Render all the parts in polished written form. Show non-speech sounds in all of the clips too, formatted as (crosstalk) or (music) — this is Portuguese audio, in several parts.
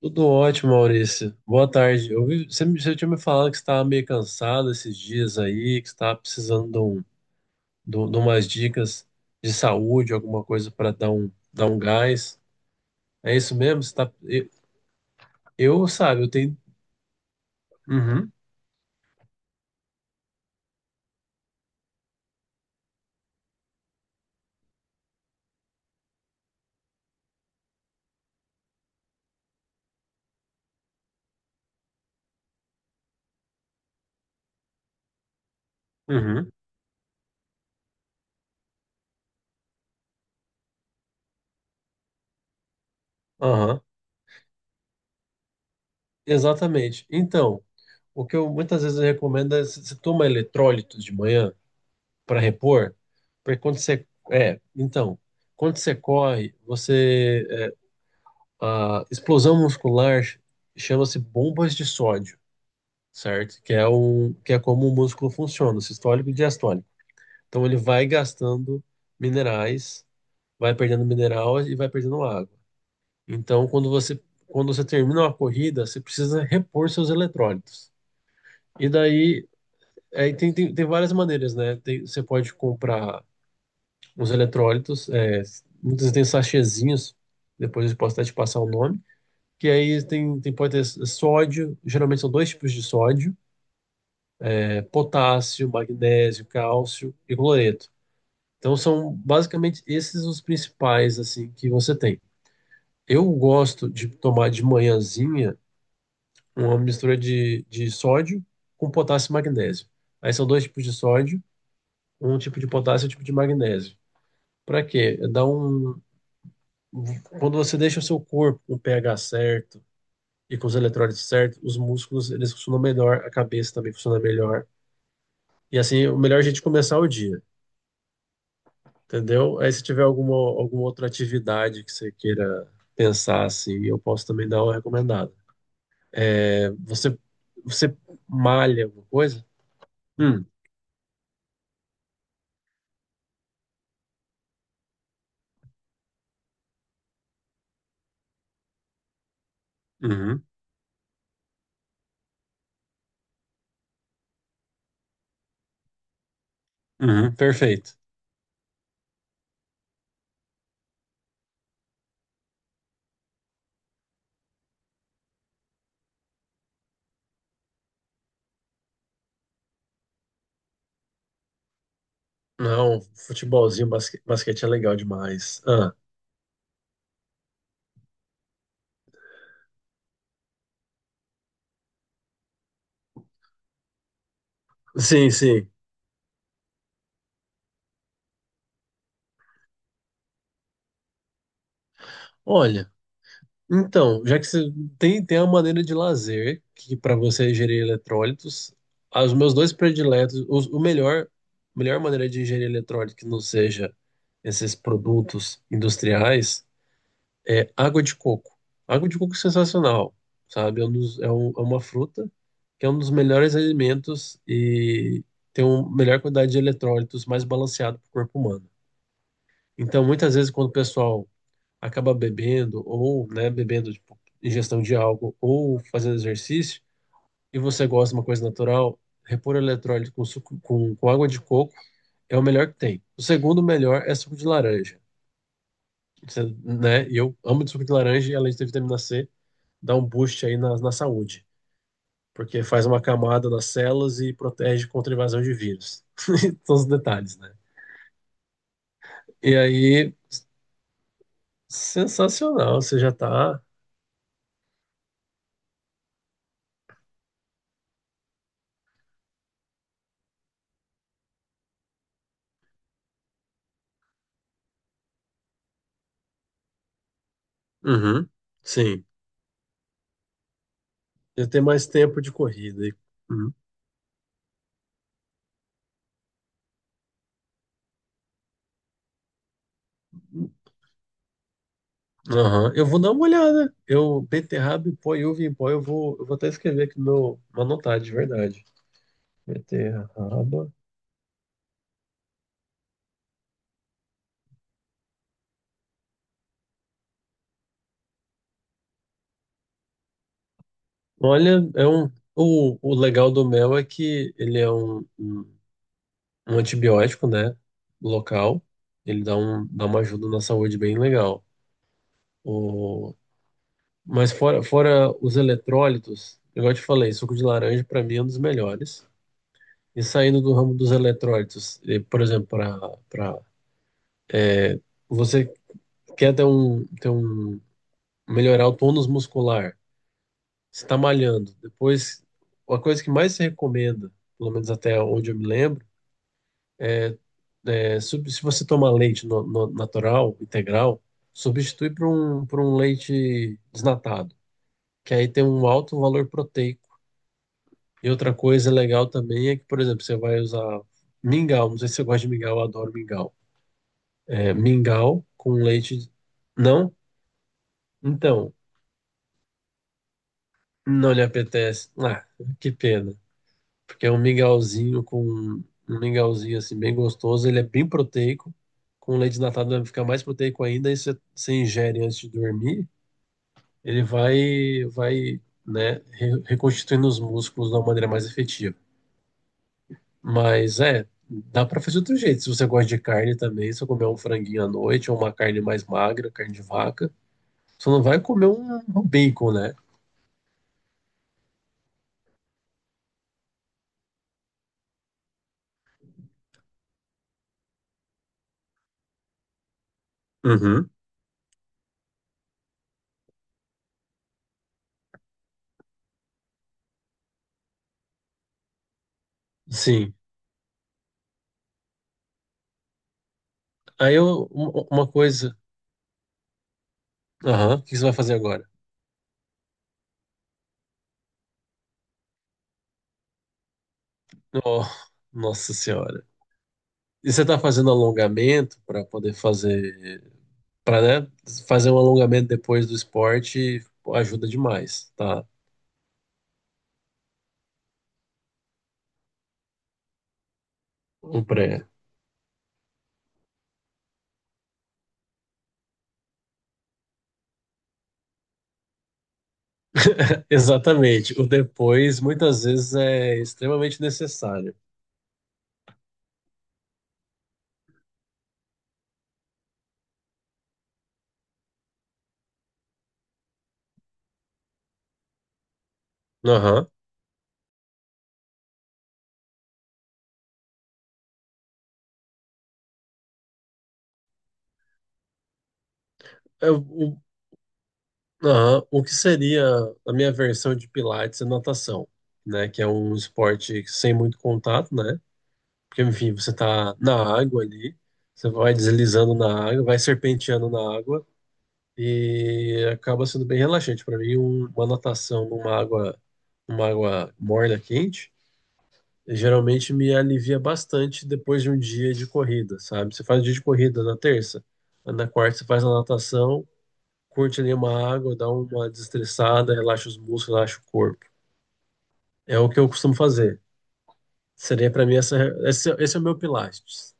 Tudo ótimo, Maurício. Boa tarde. Eu vi, você tinha me falado que você estava meio cansado esses dias aí, que você estava precisando de, de umas dicas de saúde, alguma coisa para dar um gás. É isso mesmo? Você tá? Eu, sabe, eu tenho. Uhum, uhum, aham, exatamente. Então, o que eu muitas vezes eu recomendo é você toma eletrólito de manhã para repor, porque quando você. Então, quando você corre, você. A explosão muscular chama-se bombas de sódio, certo? Que é como o músculo funciona, sistólico e diastólico. Então ele vai gastando minerais, vai perdendo mineral e vai perdendo água. Então quando você termina uma corrida, você precisa repor seus eletrólitos. E daí, aí tem várias maneiras, né? Você pode comprar os eletrólitos, muitas vezes tem sachêzinhos, depois eu posso até te passar o nome, que aí pode ter sódio, geralmente são dois tipos de sódio, potássio, magnésio, cálcio e cloreto. Então são basicamente esses os principais assim que você tem. Eu gosto de tomar de manhãzinha uma mistura de sódio com potássio e magnésio. Aí são dois tipos de sódio, um tipo de potássio e um tipo de magnésio. Para quê? Dá um Quando você deixa o seu corpo com o pH certo, e com os eletrólitos certos, os músculos eles funcionam melhor, a cabeça também funciona melhor. E assim, o melhor é a gente começar o dia, entendeu? Aí se tiver alguma, alguma outra atividade que você queira pensar assim, eu posso também dar uma recomendada. É, você você malha alguma coisa? Hum, uhum, uhum, perfeito. Não, futebolzinho, basquete é legal demais. Ah, sim, sim. Olha, então, já que você tem a maneira de lazer, que para você é ingerir eletrólitos, os meus dois prediletos, melhor maneira de ingerir eletrólito que não seja esses produtos industriais é água de coco. Água de coco é sensacional, sabe? É uma fruta que é um dos melhores alimentos e tem uma melhor quantidade de eletrólitos, mais balanceado para o corpo humano. Então, muitas vezes, quando o pessoal acaba bebendo, ou, né, bebendo, tipo, ingestão de álcool, ou fazendo exercício, e você gosta de uma coisa natural, repor eletrólito com suco, com água de coco é o melhor que tem. O segundo melhor é suco de laranja. Né? E eu amo de suco de laranja, e além de ter vitamina C, dá um boost aí na saúde, porque faz uma camada nas células e protege contra a invasão de vírus. (laughs) Todos os detalhes, né? E aí, sensacional, você já tá. Uhum, sim. Eu tenho mais tempo de corrida. Uhum. Aham. Eu vou dar uma olhada. Eu, beterraba em pó e uva em pó, eu vou até escrever aqui no, uma notada, de verdade. Beterraba. Olha, o legal do mel é que ele é um antibiótico, né? Local. Ele dá uma ajuda na saúde bem legal. O, mas fora os eletrólitos, igual eu te falei, suco de laranja para mim é um dos melhores. E saindo do ramo dos eletrólitos, e, por exemplo, para você quer ter um melhorar o tônus muscular, você está malhando. Depois, a coisa que mais se recomenda, pelo menos até onde eu me lembro, é se você tomar leite natural, integral, substitui por um leite desnatado, que aí tem um alto valor proteico. E outra coisa legal também é que, por exemplo, você vai usar mingau, não sei se você gosta de mingau, eu adoro mingau. É, mingau com leite não. Então, não lhe apetece. Ah, que pena. Porque é um mingauzinho com um mingauzinho assim bem gostoso, ele é bem proteico. Com leite desnatado vai ficar mais proteico ainda, e se você ingere antes de dormir, ele vai, né, reconstituindo os músculos de uma maneira mais efetiva. Mas é, dá para fazer de outro jeito. Se você gosta de carne também, se você comer um franguinho à noite ou uma carne mais magra, carne de vaca, você não vai comer um bacon, né? Uhum. Sim. Aí eu, uma coisa. Aham, o que você vai fazer agora? Oh, nossa senhora. E você tá fazendo alongamento para poder fazer? Para, né? Fazer um alongamento depois do esporte ajuda demais, tá? O pré. (laughs) Exatamente. O depois muitas vezes é extremamente necessário. Aham. É o, aham. O que seria a minha versão de pilates e natação, né? Que é um esporte sem muito contato, né? Porque, enfim, você tá na água ali, você vai deslizando na água, vai serpenteando na água e acaba sendo bem relaxante. Para mim, uma natação numa água morna, quente, geralmente me alivia bastante depois de um dia de corrida, sabe? Você faz um dia de corrida na terça, na quarta você faz a natação, curte ali uma água, dá uma desestressada, relaxa os músculos, relaxa o corpo. É o que eu costumo fazer. Seria para mim esse é o meu pilates.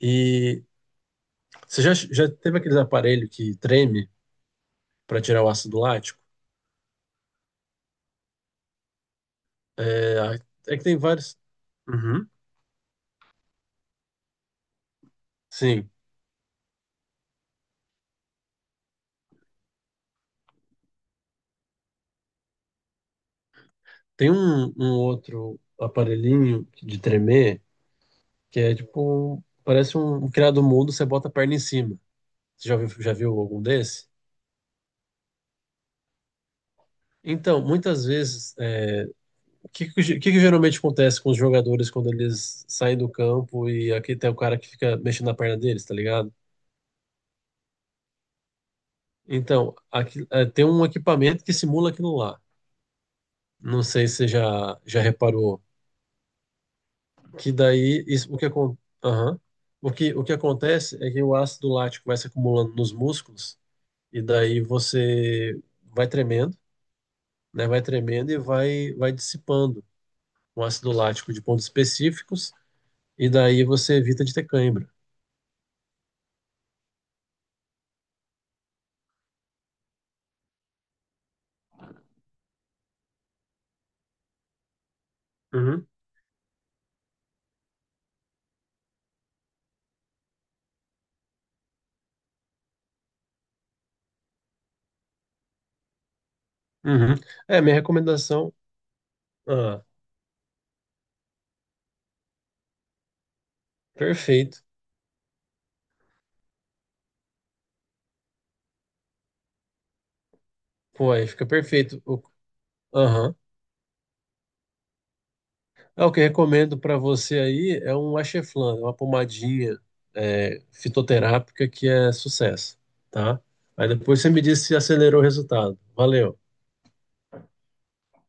E você já teve aqueles aparelho que treme para tirar o ácido lático? É, é que tem vários. Uhum. Sim. Tem um outro aparelhinho de tremer que é tipo. Parece um criado mudo, você bota a perna em cima. Você já viu algum desse? Então, muitas vezes, o que que geralmente acontece com os jogadores quando eles saem do campo e aqui tem o cara que fica mexendo na perna deles, tá ligado? Então, tem um equipamento que simula aquilo lá. Não sei se você já reparou que daí isso, aham. O que acontece é que o ácido lático vai se acumulando nos músculos e daí você vai tremendo, né? Vai tremendo e vai dissipando o ácido lático de pontos específicos e daí você evita de ter cãibra. Uhum, uhum. É, minha recomendação. Ah, perfeito. Pô, aí fica perfeito. Aham. É, o que eu recomendo para você aí é um Acheflan, uma pomadinha fitoterápica que é sucesso, tá? Aí depois você me diz se acelerou o resultado. Valeu.